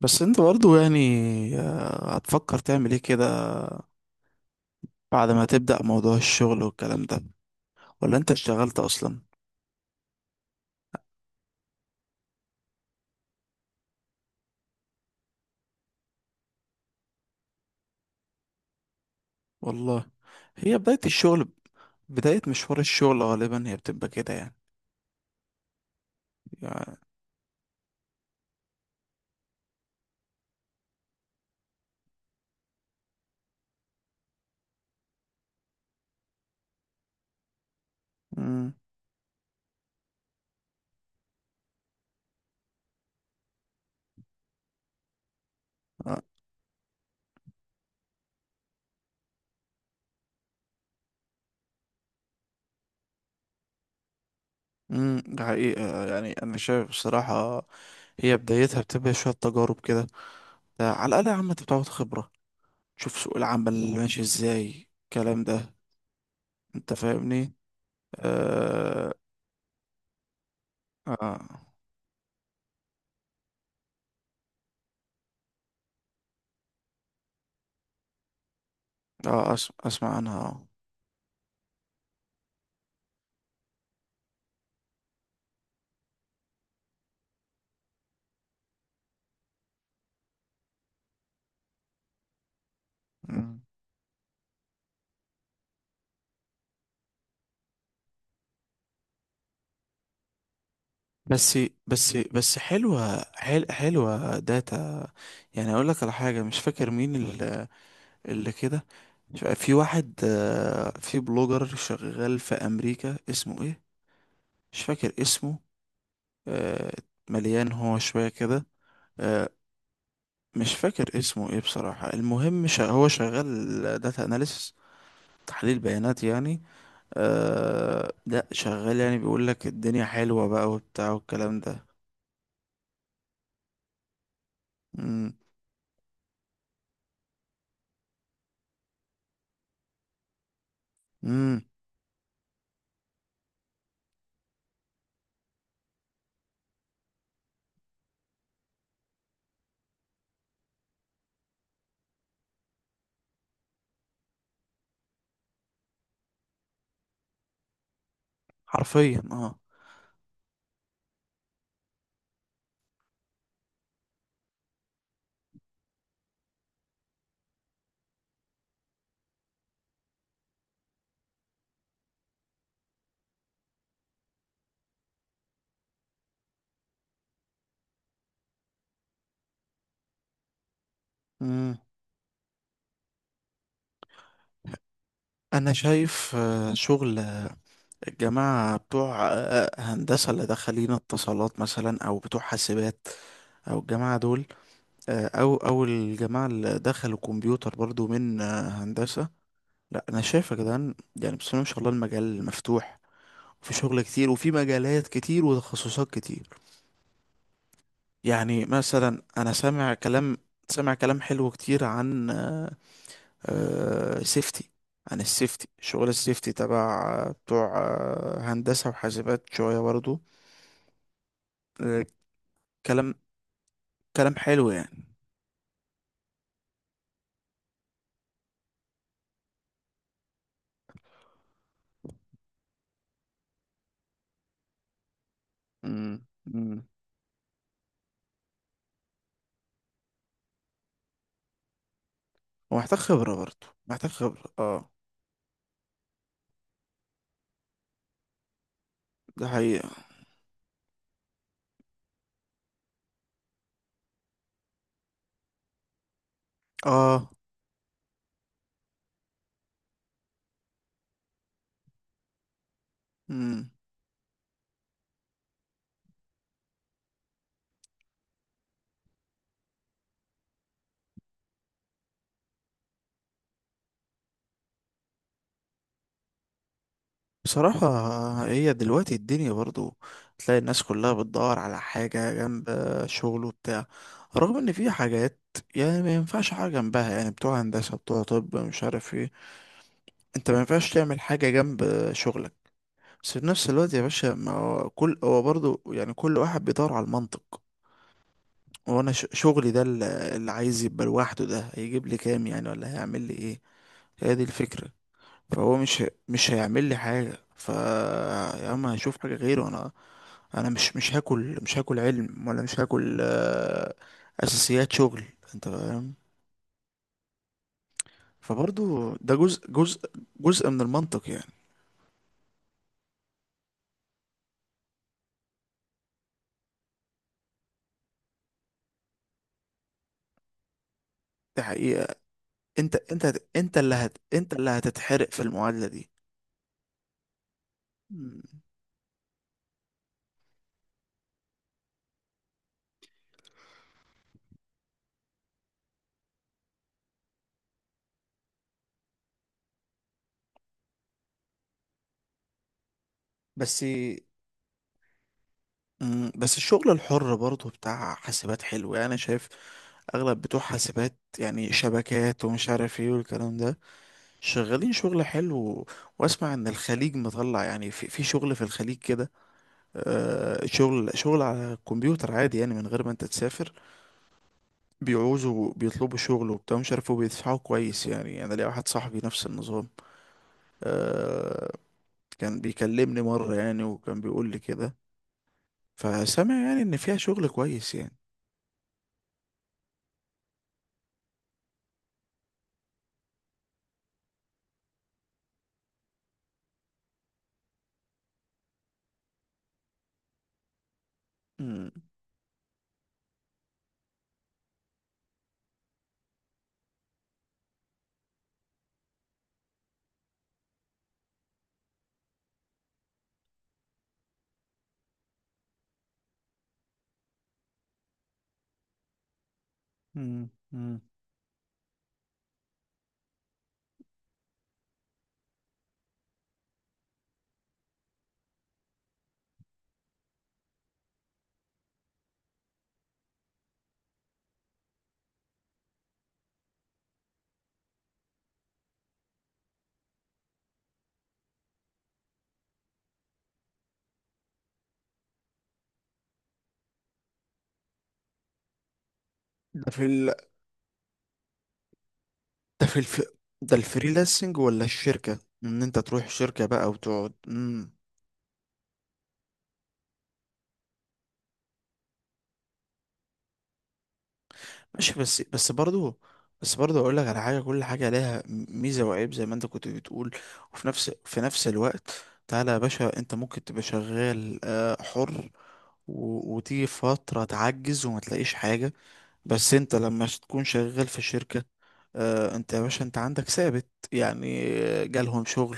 بس انت برضو يعني هتفكر تعمل ايه كده بعد ما تبدأ موضوع الشغل والكلام ده، ولا انت اشتغلت اصلا؟ والله، هي بداية الشغل. بداية مشوار الشغل غالبا هي بتبقى كده يعني. يعني- مم. آه. ده حقيقة يعني، أنا شايف بصراحة هي بدايتها بتبقى شوية تجارب كده. ده على الأقل يا عم أنت بتاخد خبرة، تشوف سوق العمل اللي ماشي إزاي الكلام ده. أنت فاهمني؟ آه. آه, أسمع، عنها. آه. بس بس بس حلوة حل حلوة داتا يعني. اقول لك على حاجة، مش فاكر مين اللي كده، في واحد، في بلوجر شغال في امريكا اسمه ايه، مش فاكر اسمه. آه، مليان هو شوية كده. آه، مش فاكر اسمه ايه بصراحة. المهم هو شغال داتا اناليسس، تحليل بيانات يعني. لا شغال يعني، بيقول لك الدنيا حلوة بقى وبتاع والكلام ده. امم. امم. حرفيا. اه. انا شايف شغل الجماعه بتوع هندسه اللي دخلين اتصالات مثلا، او بتوع حاسبات، او الجماعه دول. او الجماعه اللي دخلوا كمبيوتر برضو من هندسه. لا انا شايف يا جدعان يعني، بسم الله ما شاء الله، المجال مفتوح وفي شغل كتير وفي مجالات كتير وتخصصات كتير. يعني مثلا انا سامع كلام. سامع كلام حلو كتير عن سيفتي. عن السيفتي، شغل السيفتي تبع بتوع هندسة وحاسبات شوية برضو. آه. كلام كلام حلو يعني. مم. مم. ومحتاج خبرة برضو، محتاج خبرة اه. ده حقيقة. اه. مم. بصراحة هي دلوقتي الدنيا برضو، تلاقي الناس كلها بتدور على حاجة جنب شغله وبتاع، رغم ان في حاجات يعني ما ينفعش حاجة جنبها، يعني بتوع هندسة بتوع طب مش عارف ايه، انت ما ينفعش تعمل حاجة جنب شغلك. بس في نفس الوقت يا باشا، ما هو كل هو برضه يعني، كل واحد بيدور على المنطق. هو انا شغلي ده اللي عايز يبقى لوحده ده هيجيب لي كام يعني، ولا هيعمل لي ايه؟ هي دي الفكرة. فهو مش مش هيعمل لي حاجة، ف يا عم هشوف حاجة غيره انا. انا مش هاكل، مش هاكل علم، ولا مش هاكل اساسيات شغل. انت فاهم. فبرضه ده جزء من المنطق يعني. دي حقيقة. انت اللي انت اللي هتتحرق في المعادلة دي. بس مم، بس الشغل الحر برضه بتاع حاسبات حلو يعني. انا شايف اغلب بتوع حاسبات يعني، شبكات ومش عارف ايه والكلام ده، شغالين شغل حلو. واسمع ان الخليج مطلع يعني، في شغل في الخليج كده. آه، شغل على الكمبيوتر عادي يعني، من غير ما انت تسافر. بيعوزوا، بيطلبوا شغل وبتاع مش عارف وبيدفعوا كويس يعني. انا ليا واحد صاحبي نفس النظام، آه، كان بيكلمني مرة يعني وكان بيقول لي كده. فسامع يعني ان فيها شغل كويس يعني. مم. مم. مم. ده في ال... ده في الف... ده الفريلانسنج ولا الشركة، ان انت تروح شركة بقى وتقعد؟ مم. ماشي. بس برضو، برضو اقول لك على حاجة، كل حاجة لها ميزة وعيب زي ما انت كنت بتقول. وفي نفس الوقت تعالى يا باشا، انت ممكن تبقى شغال حر، وتيجي فترة تعجز وما تلاقيش حاجة. بس انت لما تكون شغال في شركة، اه انت يا باشا، انت عندك ثابت يعني. جالهم شغل،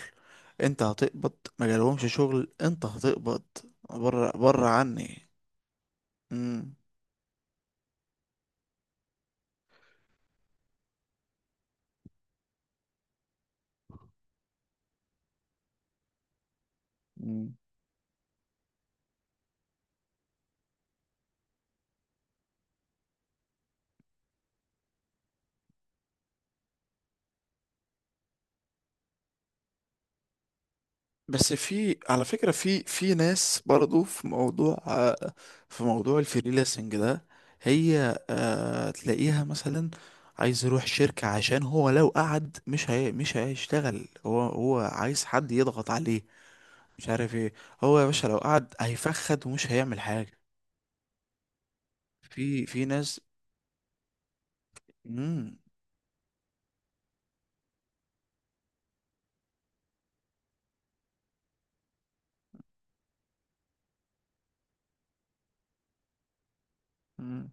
انت هتقبض. ما جالهمش شغل، انت هتقبض. بره بره عني. مم. مم. بس في على فكرة، في في ناس برضو في موضوع في موضوع الفريلانسنج ده، هي تلاقيها مثلا عايز يروح شركة عشان هو لو قعد مش، هي مش هيشتغل، هو هو عايز حد يضغط عليه مش عارف ايه. هو يا باشا لو قعد هيفخد ومش هيعمل حاجة. في في ناس. امم. امم.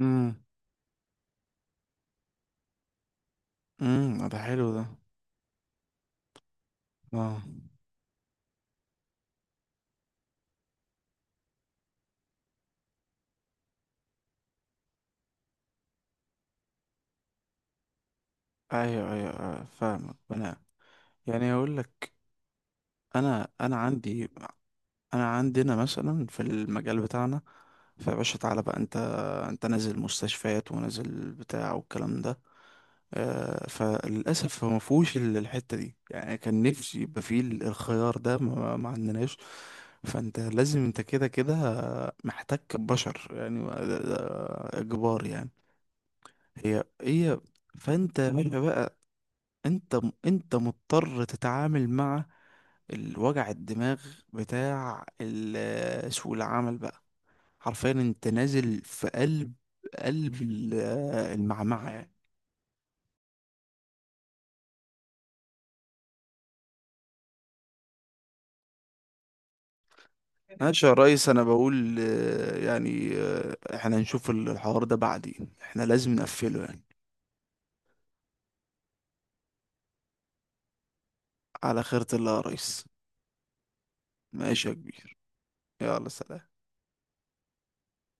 امم. امم، ده حلو ده. اه. ايوه ايوه، فاهمك انا. يعني اقول لك، انا عندي، انا عندنا مثلا في المجال بتاعنا، فيا باشا تعالى بقى انت، انت نازل مستشفيات ونازل بتاع والكلام ده، فللأسف هو مفهوش الحتة دي يعني، كان نفسي يبقى فيه الخيار ده، ما عندناش. فأنت لازم، أنت كده كده محتك ببشر يعني، ده إجبار يعني. هي هي. فأنت يا باشا بقى، أنت أنت مضطر تتعامل مع الوجع الدماغ بتاع سوق العمل بقى. حرفيا أنت نازل في قلب قلب ال- المعمعة يعني. ماشي يا ريس. انا بقول يعني احنا هنشوف الحوار ده بعدين، احنا لازم نقفله يعني. على خيرة الله يا ريس. ماشي يا كبير. يلا سلام.